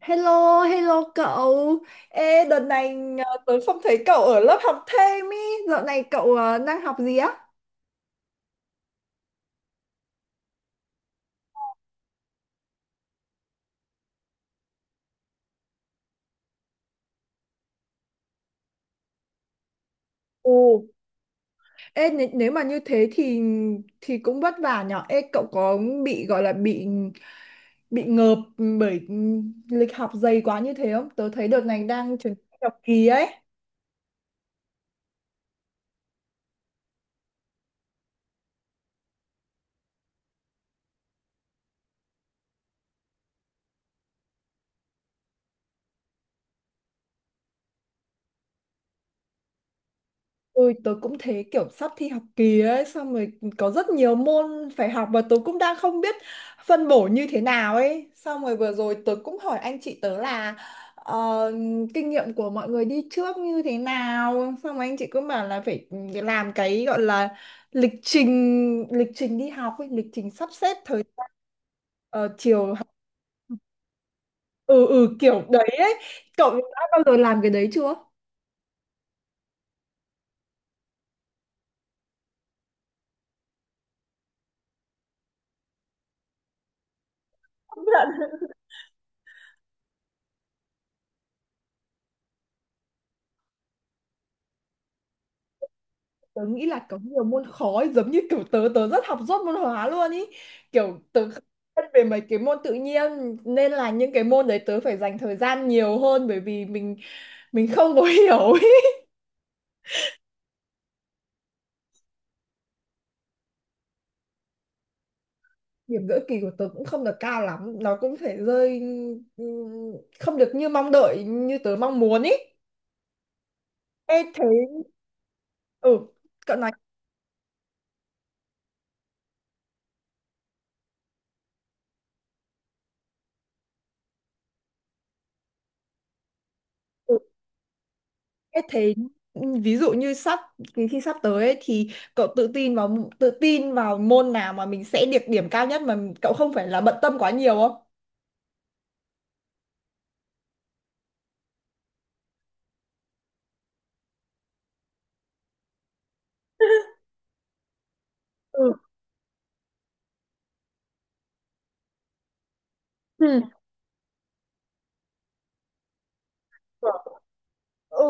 Hello, hello cậu. Ê, đợt này tớ không thấy cậu ở lớp học thêm ý. Dạo này cậu đang học gì á? Ồ, ê, nếu mà như thế thì cũng vất vả nhở. Ê, cậu có bị gọi là bị ngợp bởi lịch học dày quá như thế không? Tớ thấy đợt này đang chuyển sang học kỳ ấy. Ôi, tớ cũng thế, kiểu sắp thi học kỳ ấy, xong rồi có rất nhiều môn phải học và tớ cũng đang không biết phân bổ như thế nào ấy, xong rồi vừa rồi tớ cũng hỏi anh chị tớ là ờ, kinh nghiệm của mọi người đi trước như thế nào, xong rồi anh chị cũng bảo là phải làm cái gọi là lịch trình đi học ấy, lịch trình sắp xếp thời gian, chiều học. Ừ, ừ, kiểu đấy ấy, cậu đã bao giờ làm cái đấy chưa? Tớ nghĩ là có nhiều môn khó ấy, giống như kiểu tớ tớ rất học dốt môn hóa luôn ý, kiểu tớ không biết về mấy cái môn tự nhiên nên là những cái môn đấy tớ phải dành thời gian nhiều hơn bởi vì mình không có hiểu ý. Điểm giữa kỳ của tớ cũng không được cao lắm, nó cũng phải rơi ừm, không được như mong đợi như tớ mong muốn ý. Ê thế, ừ, cậu nói. Thế thế, ừ, ví dụ như sắp kỳ thi sắp tới ấy, thì cậu tự tin vào môn nào mà mình sẽ được điểm cao nhất mà cậu không phải là bận tâm quá nhiều không? Ừ. Ừ. Ừ.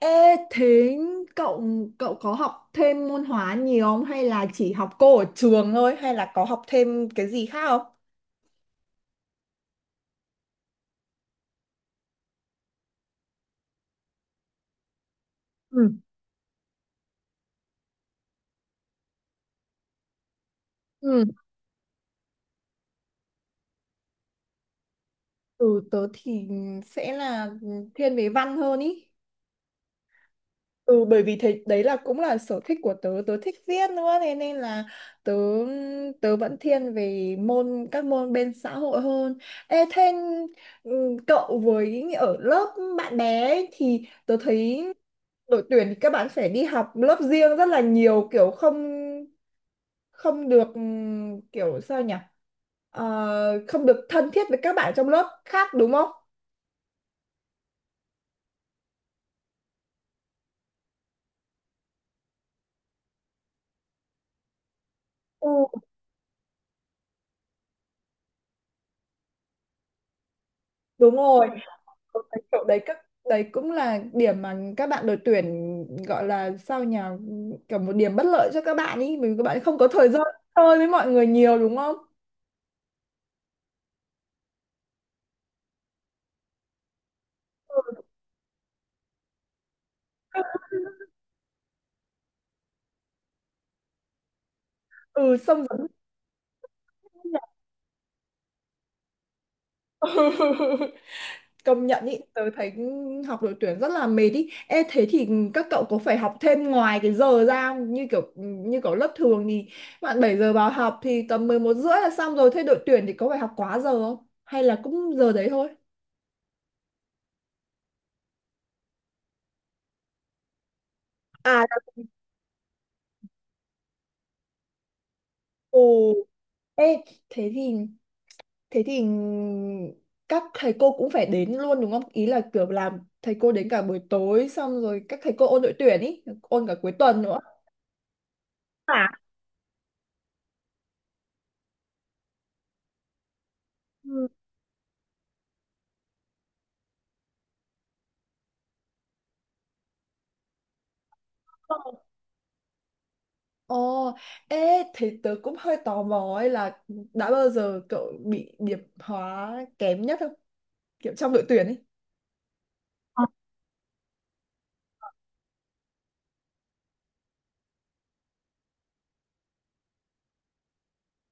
Ê, thế cậu cậu có học thêm môn hóa nhiều không hay là chỉ học cô ở trường thôi hay là có học thêm cái gì khác không? Ừ. Ừ. Ừ, tớ thì sẽ là thiên về văn hơn ý. Ừ, bởi vì thế đấy là cũng là sở thích của tớ, tớ thích viết nữa thế nên là tớ tớ vẫn thiên về môn các môn bên xã hội hơn. Ê, thế cậu với ở lớp bạn bè ấy, thì tớ thấy đội tuyển thì các bạn phải đi học lớp riêng rất là nhiều, kiểu không không được kiểu sao nhỉ. Ờ, không được thân thiết với các bạn trong lớp khác đúng không? Ừ, đúng rồi. Tôi thấy chỗ đấy các, đấy cũng là điểm mà các bạn đội tuyển gọi là sao nhỉ, kiểu một điểm bất lợi cho các bạn ý, bởi vì các bạn không có thời gian chơi với mọi người nhiều đúng không? Ừ, xong rồi. Công nhận ý, tớ thấy học đội tuyển rất là mệt ý. Ê thế thì các cậu có phải học thêm ngoài cái giờ ra không? Như kiểu lớp thường thì bạn 7 giờ vào học thì tầm 11 rưỡi là xong rồi, thế đội tuyển thì có phải học quá giờ không hay là cũng giờ đấy thôi? À, là- ồ. Ê, thế thì thế thì các thầy cô cũng phải đến luôn đúng không? Ý là kiểu làm thầy cô đến cả buổi tối xong rồi các thầy cô ôn đội tuyển ý, ôn cả cuối tuần nữa. À, ừ. Ồ, ê, thế tớ cũng hơi tò mò ấy là đã bao giờ cậu bị điểm hóa kém nhất không? Kiểu trong đội tuyển ấy.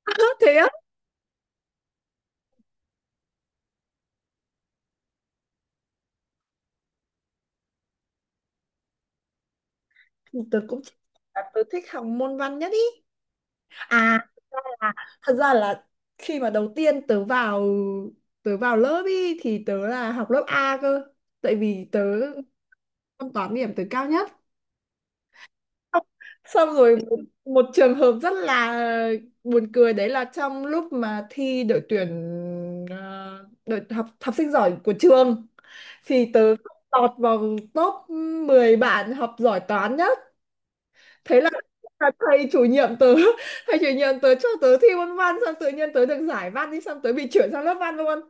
Thế á? Tớ cũng, tớ thích học môn văn nhất ý. À, thật ra là khi mà đầu tiên tớ vào lớp ý thì tớ là học lớp A cơ, tại vì tớ môn toán điểm tớ cao nhất, xong xong rồi một trường hợp rất là buồn cười đấy là trong lúc mà thi đội tuyển ờ, đội học học sinh giỏi của trường thì tớ lọt vào top 10 bạn học giỏi toán nhất, thế là là thầy chủ nhiệm tớ thầy chủ nhiệm tớ cho tớ thi môn văn, xong tự nhiên tớ được giải văn đi, xong tớ bị chuyển sang lớp văn luôn.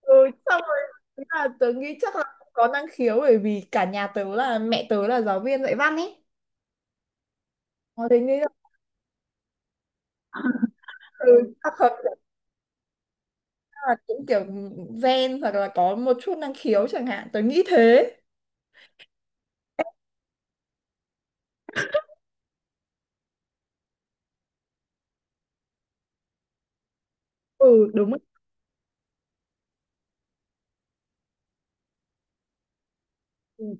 Ừ, xong rồi thế là tớ nghĩ chắc là có năng khiếu bởi vì cả nhà tớ, là mẹ tớ là giáo viên dạy văn ấy. Ờ, thế nên là ừ, chắc hợp sẽ là cũng kiểu gen hoặc là có một chút năng khiếu chẳng hạn, tớ nghĩ thế. Ừ, đúng.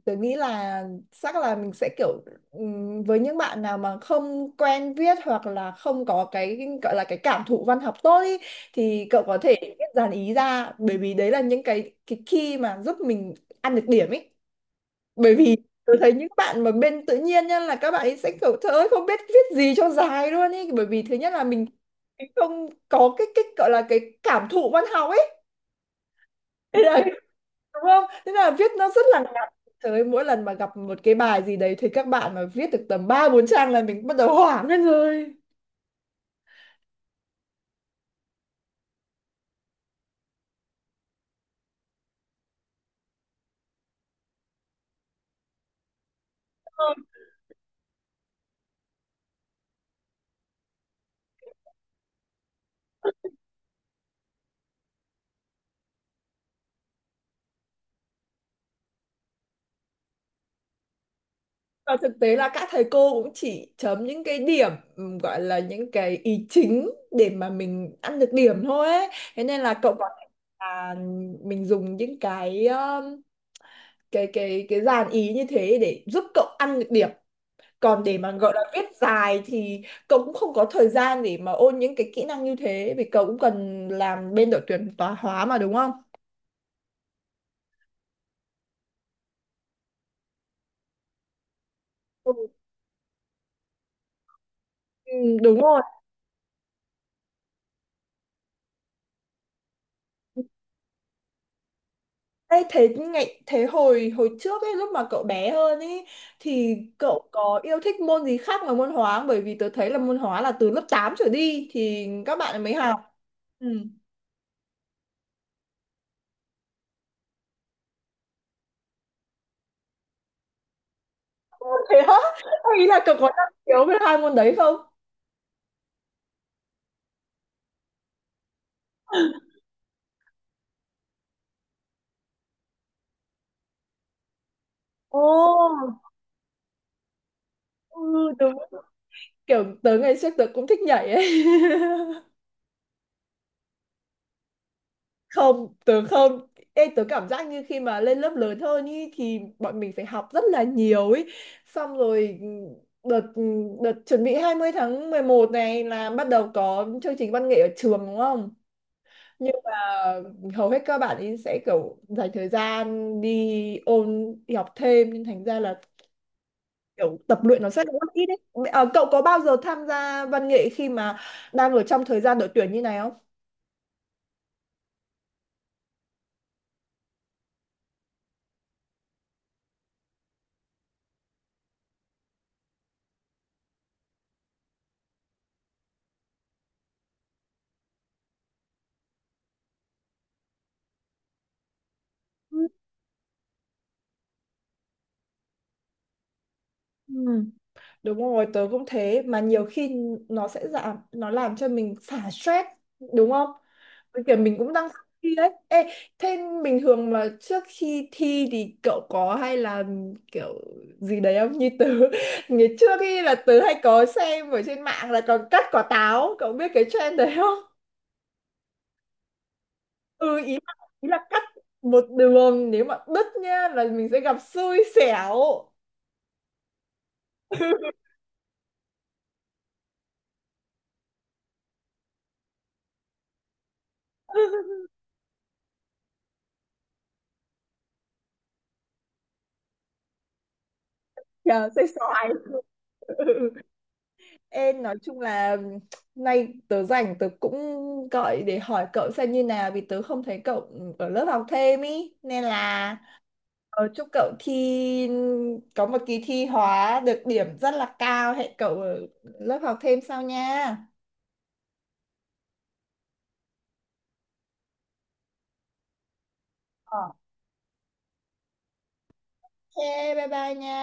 Tớ nghĩ là chắc là mình sẽ kiểu với những bạn nào mà không quen viết hoặc là không có cái gọi là cái cảm thụ văn học tốt ý, thì cậu có thể viết dàn ý ra bởi vì đấy là những cái key mà giúp mình ăn được điểm ấy. Bởi vì tôi thấy những bạn mà bên tự nhiên nha, là các bạn ấy sẽ kiểu trời ơi không biết viết gì cho dài luôn ý, bởi vì thứ nhất là mình không có cái gọi là cái cảm thụ văn học ấy. Thế đấy, đúng không, thế là viết nó rất là ngắn. Trời ơi, mỗi lần mà gặp một cái bài gì đấy thì các bạn mà viết được tầm ba bốn trang là mình bắt đầu hoảng lên rồi. Và thực tế là các thầy cô cũng chỉ chấm những cái điểm gọi là những cái ý chính để mà mình ăn được điểm thôi ấy. Thế nên là cậu có thể là mình dùng những cái cái dàn ý như thế để giúp cậu ăn được điểm, còn để mà gọi là viết dài thì cậu cũng không có thời gian để mà ôn những cái kỹ năng như thế vì cậu cũng cần làm bên đội tuyển toán hóa mà đúng không? Ừ, ừ, đúng rồi. Ê, thế ngày thế hồi hồi trước ấy lúc mà cậu bé hơn ấy thì cậu có yêu thích môn gì khác ngoài môn hóa không? Bởi vì tớ thấy là môn hóa là từ lớp 8 trở đi thì các bạn mới học. Ừ. Thế á? Có. Ý là cậu có năng khiếu về hai môn đấy không? Ồ, ừ, đúng. Kiểu tớ ngày trước tớ cũng thích nhảy ấy. Không, tớ không. Ê, tớ cảm giác như khi mà lên lớp lớn hơn ý, thì bọn mình phải học rất là nhiều ý. Xong rồi đợt đợt chuẩn bị 20 tháng 11 này là bắt đầu có chương trình văn nghệ ở trường đúng không? Nhưng mà hầu hết các bạn ý sẽ kiểu dành thời gian đi ôn đi học thêm nên thành ra là kiểu tập luyện nó sẽ rất ít đấy. Ờ, cậu có bao giờ tham gia văn nghệ khi mà đang ở trong thời gian đội tuyển như này không? Ừ. Đúng rồi, tớ cũng thế mà nhiều khi nó sẽ giảm, nó làm cho mình xả stress đúng không? Với kiểu mình cũng đang sắp thi đấy. Ê, thế bình thường mà trước khi thi thì cậu có hay là kiểu gì đấy không? Như tớ ngày trước khi là tớ hay có xem ở trên mạng là còn cắt quả táo, cậu biết cái trend đấy không? Ừ, ý là, cắt một đường nếu mà đứt nhá là mình sẽ gặp xui xẻo. Trời, sẽ xoài. Ê, nói chung là nay tớ rảnh tớ cũng gọi để hỏi cậu xem như nào vì tớ không thấy cậu ở lớp học thêm ý nên là chúc cậu thi có một kỳ thi hóa được điểm rất là cao, hẹn cậu ở lớp học thêm sau nha. Ờ. Ok, bye bye nha.